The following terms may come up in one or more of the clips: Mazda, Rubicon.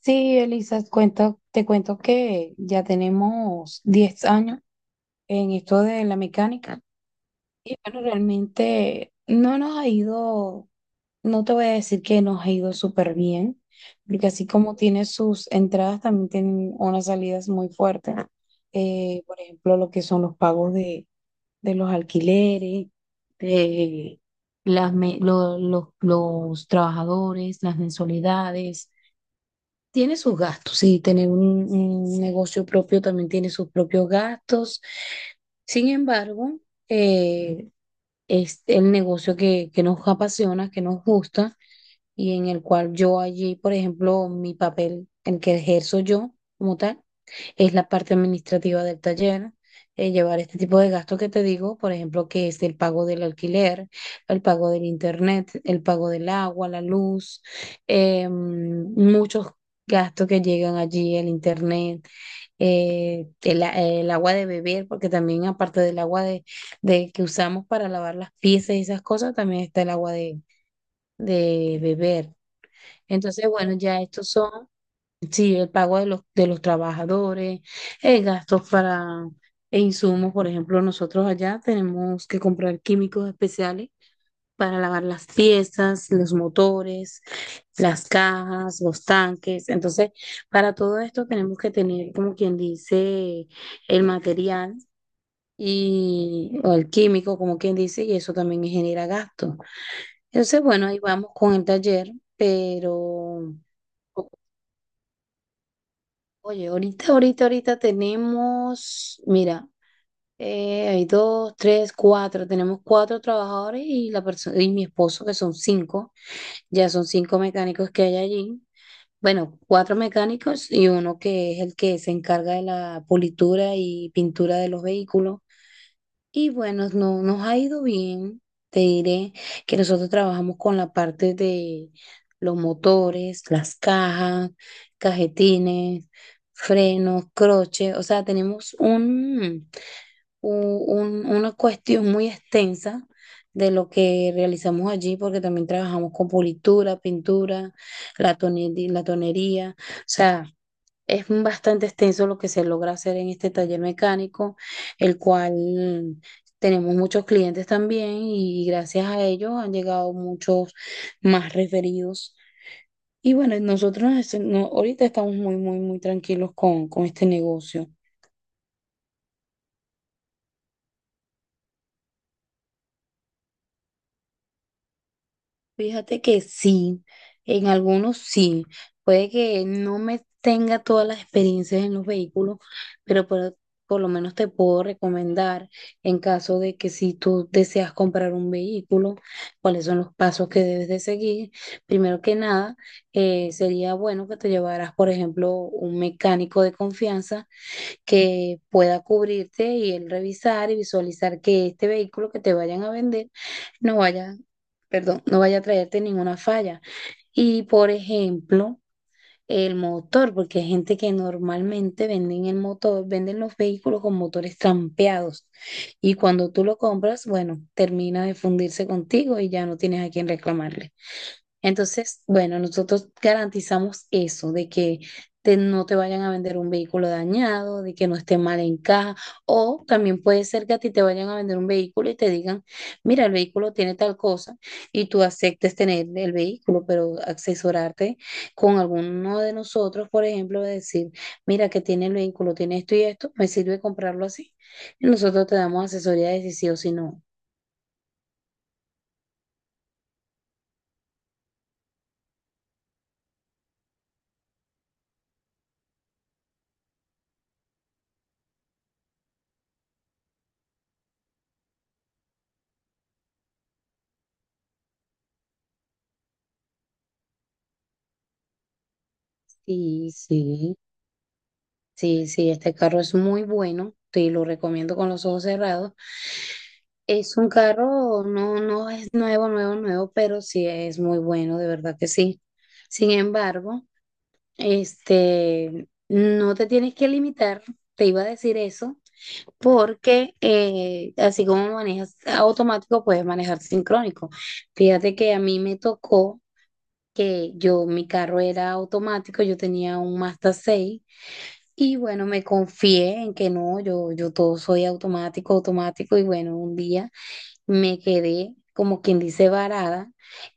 Sí, Elisa, te cuento que ya tenemos 10 años en esto de la mecánica. Y bueno, realmente no te voy a decir que nos ha ido súper bien, porque así como tiene sus entradas, también tiene unas salidas muy fuertes. Por ejemplo, lo que son los pagos de los alquileres, de las, me- lo- los trabajadores, las mensualidades. Tiene sus gastos, sí, tener un negocio propio también tiene sus propios gastos. Sin embargo, eh, es el negocio que nos apasiona, que nos gusta y en el cual yo allí, por ejemplo, mi papel, el que ejerzo yo como tal, es la parte administrativa del taller. Llevar este tipo de gastos que te digo, por ejemplo, que es el pago del alquiler, el pago del internet, el pago del agua, la luz. Muchos gastos que llegan allí: el internet, el agua de beber, porque también aparte del agua de que usamos para lavar las piezas y esas cosas, también está el agua de beber. Entonces, bueno, ya estos son sí, el pago de los trabajadores, gastos para e insumos. Por ejemplo, nosotros allá tenemos que comprar químicos especiales para lavar las piezas, los motores, las cajas, los tanques. Entonces, para todo esto tenemos que tener, como quien dice, el material y o el químico, como quien dice, y eso también genera gastos. Entonces, bueno, ahí vamos con el taller, pero... Oye, ahorita tenemos, mira, hay dos, tres, cuatro, tenemos cuatro trabajadores y la persona y mi esposo que son cinco, ya son cinco mecánicos que hay allí. Bueno, cuatro mecánicos y uno que es el que se encarga de la pulitura y pintura de los vehículos. Y bueno, no, nos ha ido bien. Te diré que nosotros trabajamos con la parte de los motores, las cajas, cajetines, frenos, croches. O sea, tenemos una cuestión muy extensa de lo que realizamos allí, porque también trabajamos con pulitura, pintura, la tonería. O sea, es bastante extenso lo que se logra hacer en este taller mecánico, el cual tenemos muchos clientes también y gracias a ellos han llegado muchos más referidos. Y bueno, nosotros nos- no- ahorita estamos muy, muy, muy tranquilos con este negocio. Fíjate que sí, en algunos sí. Puede que no me tenga todas las experiencias en los vehículos, pero por lo menos te puedo recomendar en caso de que si tú deseas comprar un vehículo, cuáles son los pasos que debes de seguir. Primero que nada, sería bueno que te llevaras, por ejemplo, un mecánico de confianza que pueda cubrirte y él revisar y visualizar que este vehículo que te vayan a vender no vaya, perdón, no vaya a traerte ninguna falla. Y por ejemplo, el motor, porque hay gente que normalmente venden el motor, venden los vehículos con motores trampeados. Y cuando tú lo compras, bueno, termina de fundirse contigo y ya no tienes a quién reclamarle. Entonces, bueno, nosotros garantizamos eso, de que no te vayan a vender un vehículo dañado, de que no esté mal en caja, o también puede ser que a ti te vayan a vender un vehículo y te digan, mira, el vehículo tiene tal cosa, y tú aceptes tener el vehículo, pero asesorarte con alguno de nosotros, por ejemplo, de decir, mira, que tiene el vehículo, tiene esto y esto, me sirve comprarlo así. Y nosotros te damos asesoría de si sí o si no. Y sí. Sí, sí, este carro es muy bueno, te lo recomiendo con los ojos cerrados. Es un carro, no, no es nuevo, nuevo, nuevo, pero sí es muy bueno, de verdad que sí. Sin embargo, este, no te tienes que limitar, te iba a decir eso, porque así como manejas automático, puedes manejar sincrónico. Fíjate que a mí me tocó que yo, mi carro era automático, yo tenía un Mazda 6. Y bueno, me confié en que no, yo todo soy automático, automático, y bueno, un día me quedé como quien dice varada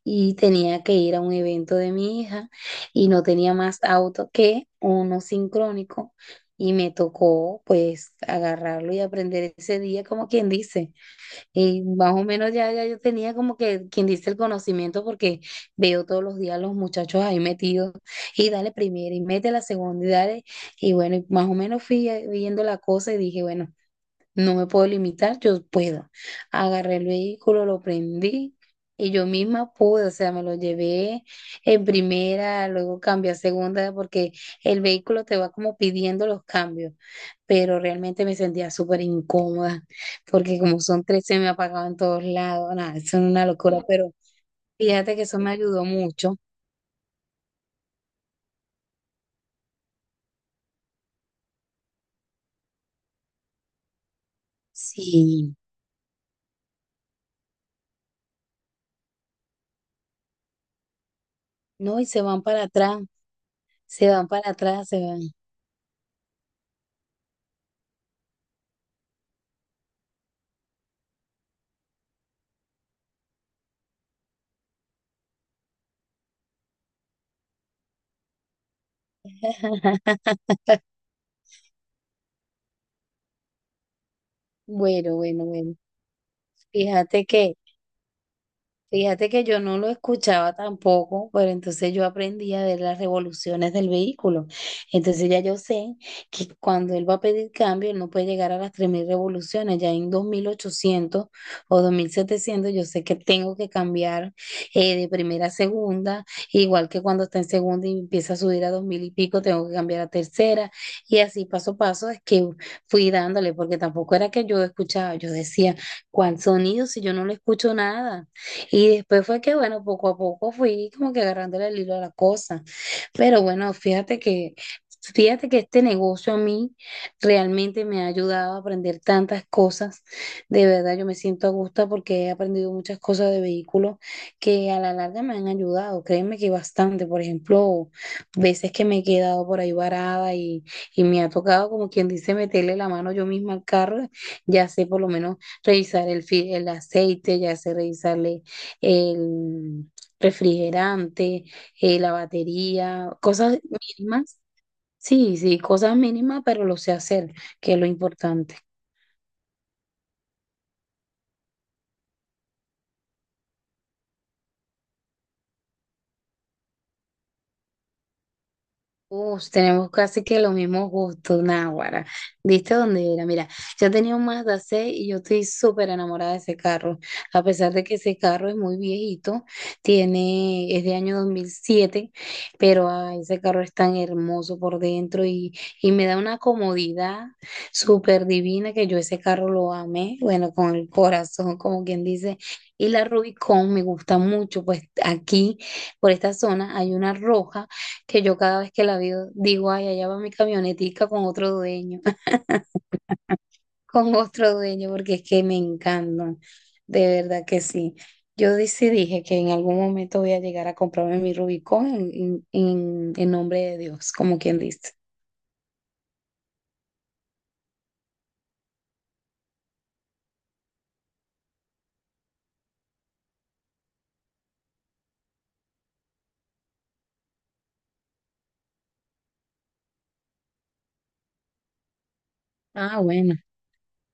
y tenía que ir a un evento de mi hija y no tenía más auto que uno sincrónico y me tocó pues agarrarlo y aprender ese día como quien dice. Y más o menos ya yo tenía como que quien dice el conocimiento porque veo todos los días los muchachos ahí metidos y dale primera y mete la segunda y dale. Y bueno, y más o menos fui viendo la cosa y dije, bueno. No me puedo limitar, yo puedo. Agarré el vehículo, lo prendí y yo misma pude, o sea, me lo llevé en primera, luego cambié a segunda porque el vehículo te va como pidiendo los cambios, pero realmente me sentía súper incómoda porque como son tres se me apagaban todos lados, nada, eso es una locura, pero fíjate que eso me ayudó mucho. Sí, no, y se van para atrás, se van para atrás, se van. Bueno, bueno, bueno. Fíjate que Fíjate que yo no lo escuchaba tampoco, pero entonces yo aprendí a ver las revoluciones del vehículo. Entonces ya yo sé que cuando él va a pedir cambio, él no puede llegar a las 3.000 revoluciones. Ya en 2.800 o 2.700, yo sé que tengo que cambiar de primera a segunda, igual que cuando está en segunda y empieza a subir a 2.000 y pico, tengo que cambiar a tercera. Y así paso a paso es que fui dándole, porque tampoco era que yo escuchaba, yo decía, ¿cuál sonido si yo no le escucho nada? Y después fue que, bueno, poco a poco fui como que agarrándole el hilo a la cosa. Pero bueno, fíjate que este negocio a mí realmente me ha ayudado a aprender tantas cosas. De verdad, yo me siento a gusto porque he aprendido muchas cosas de vehículos que a la larga me han ayudado. Créeme que bastante. Por ejemplo, veces que me he quedado por ahí varada y me ha tocado, como quien dice, meterle la mano yo misma al carro. Ya sé por lo menos revisar el aceite, ya sé revisarle el refrigerante, la batería, cosas mínimas. Sí, sí, cosas mínimas, pero lo sé hacer, que es lo importante. Uf, tenemos casi que los mismos gustos, Náguara. ¿Viste dónde era? Mira, yo tenía un Mazda 6 y yo estoy súper enamorada de ese carro. A pesar de que ese carro es muy viejito, tiene, es de año 2007, pero ah, ese carro es tan hermoso por dentro y me da una comodidad súper divina que yo ese carro lo amé, bueno, con el corazón, como quien dice. Y la Rubicon me gusta mucho, pues aquí, por esta zona, hay una roja que yo cada vez que la veo digo, ay, allá va mi camionetica con otro dueño, con otro dueño, porque es que me encantan, de verdad que sí. Yo sí dije que en algún momento voy a llegar a comprarme mi Rubicón en nombre de Dios, como quien dice. Ah, bueno,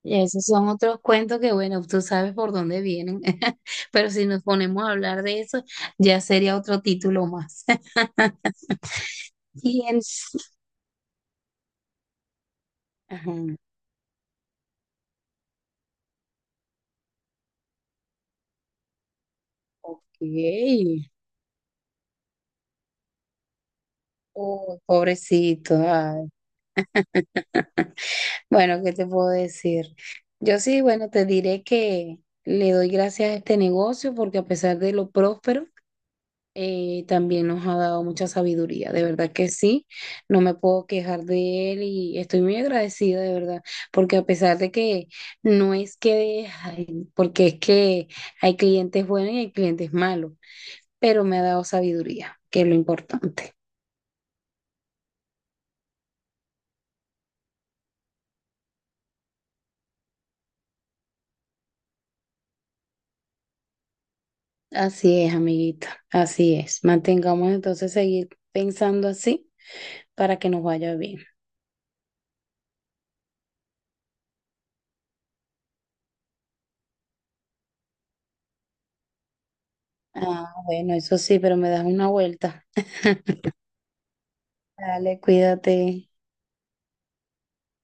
y esos son otros cuentos que, bueno, tú sabes por dónde vienen, pero si nos ponemos a hablar de eso, ya sería otro título más. Y en... Ajá, ok. Oh, pobrecito. Ay. Bueno, ¿qué te puedo decir? Yo sí, bueno, te diré que le doy gracias a este negocio porque a pesar de lo próspero, también nos ha dado mucha sabiduría. De verdad que sí, no me puedo quejar de él y estoy muy agradecida, de verdad, porque a pesar de que no es que, ay, porque es que hay clientes buenos y hay clientes malos, pero me ha dado sabiduría, que es lo importante. Así es, amiguito, así es. Mantengamos entonces seguir pensando así para que nos vaya bien. Ah, bueno, eso sí, pero me das una vuelta. Dale, cuídate.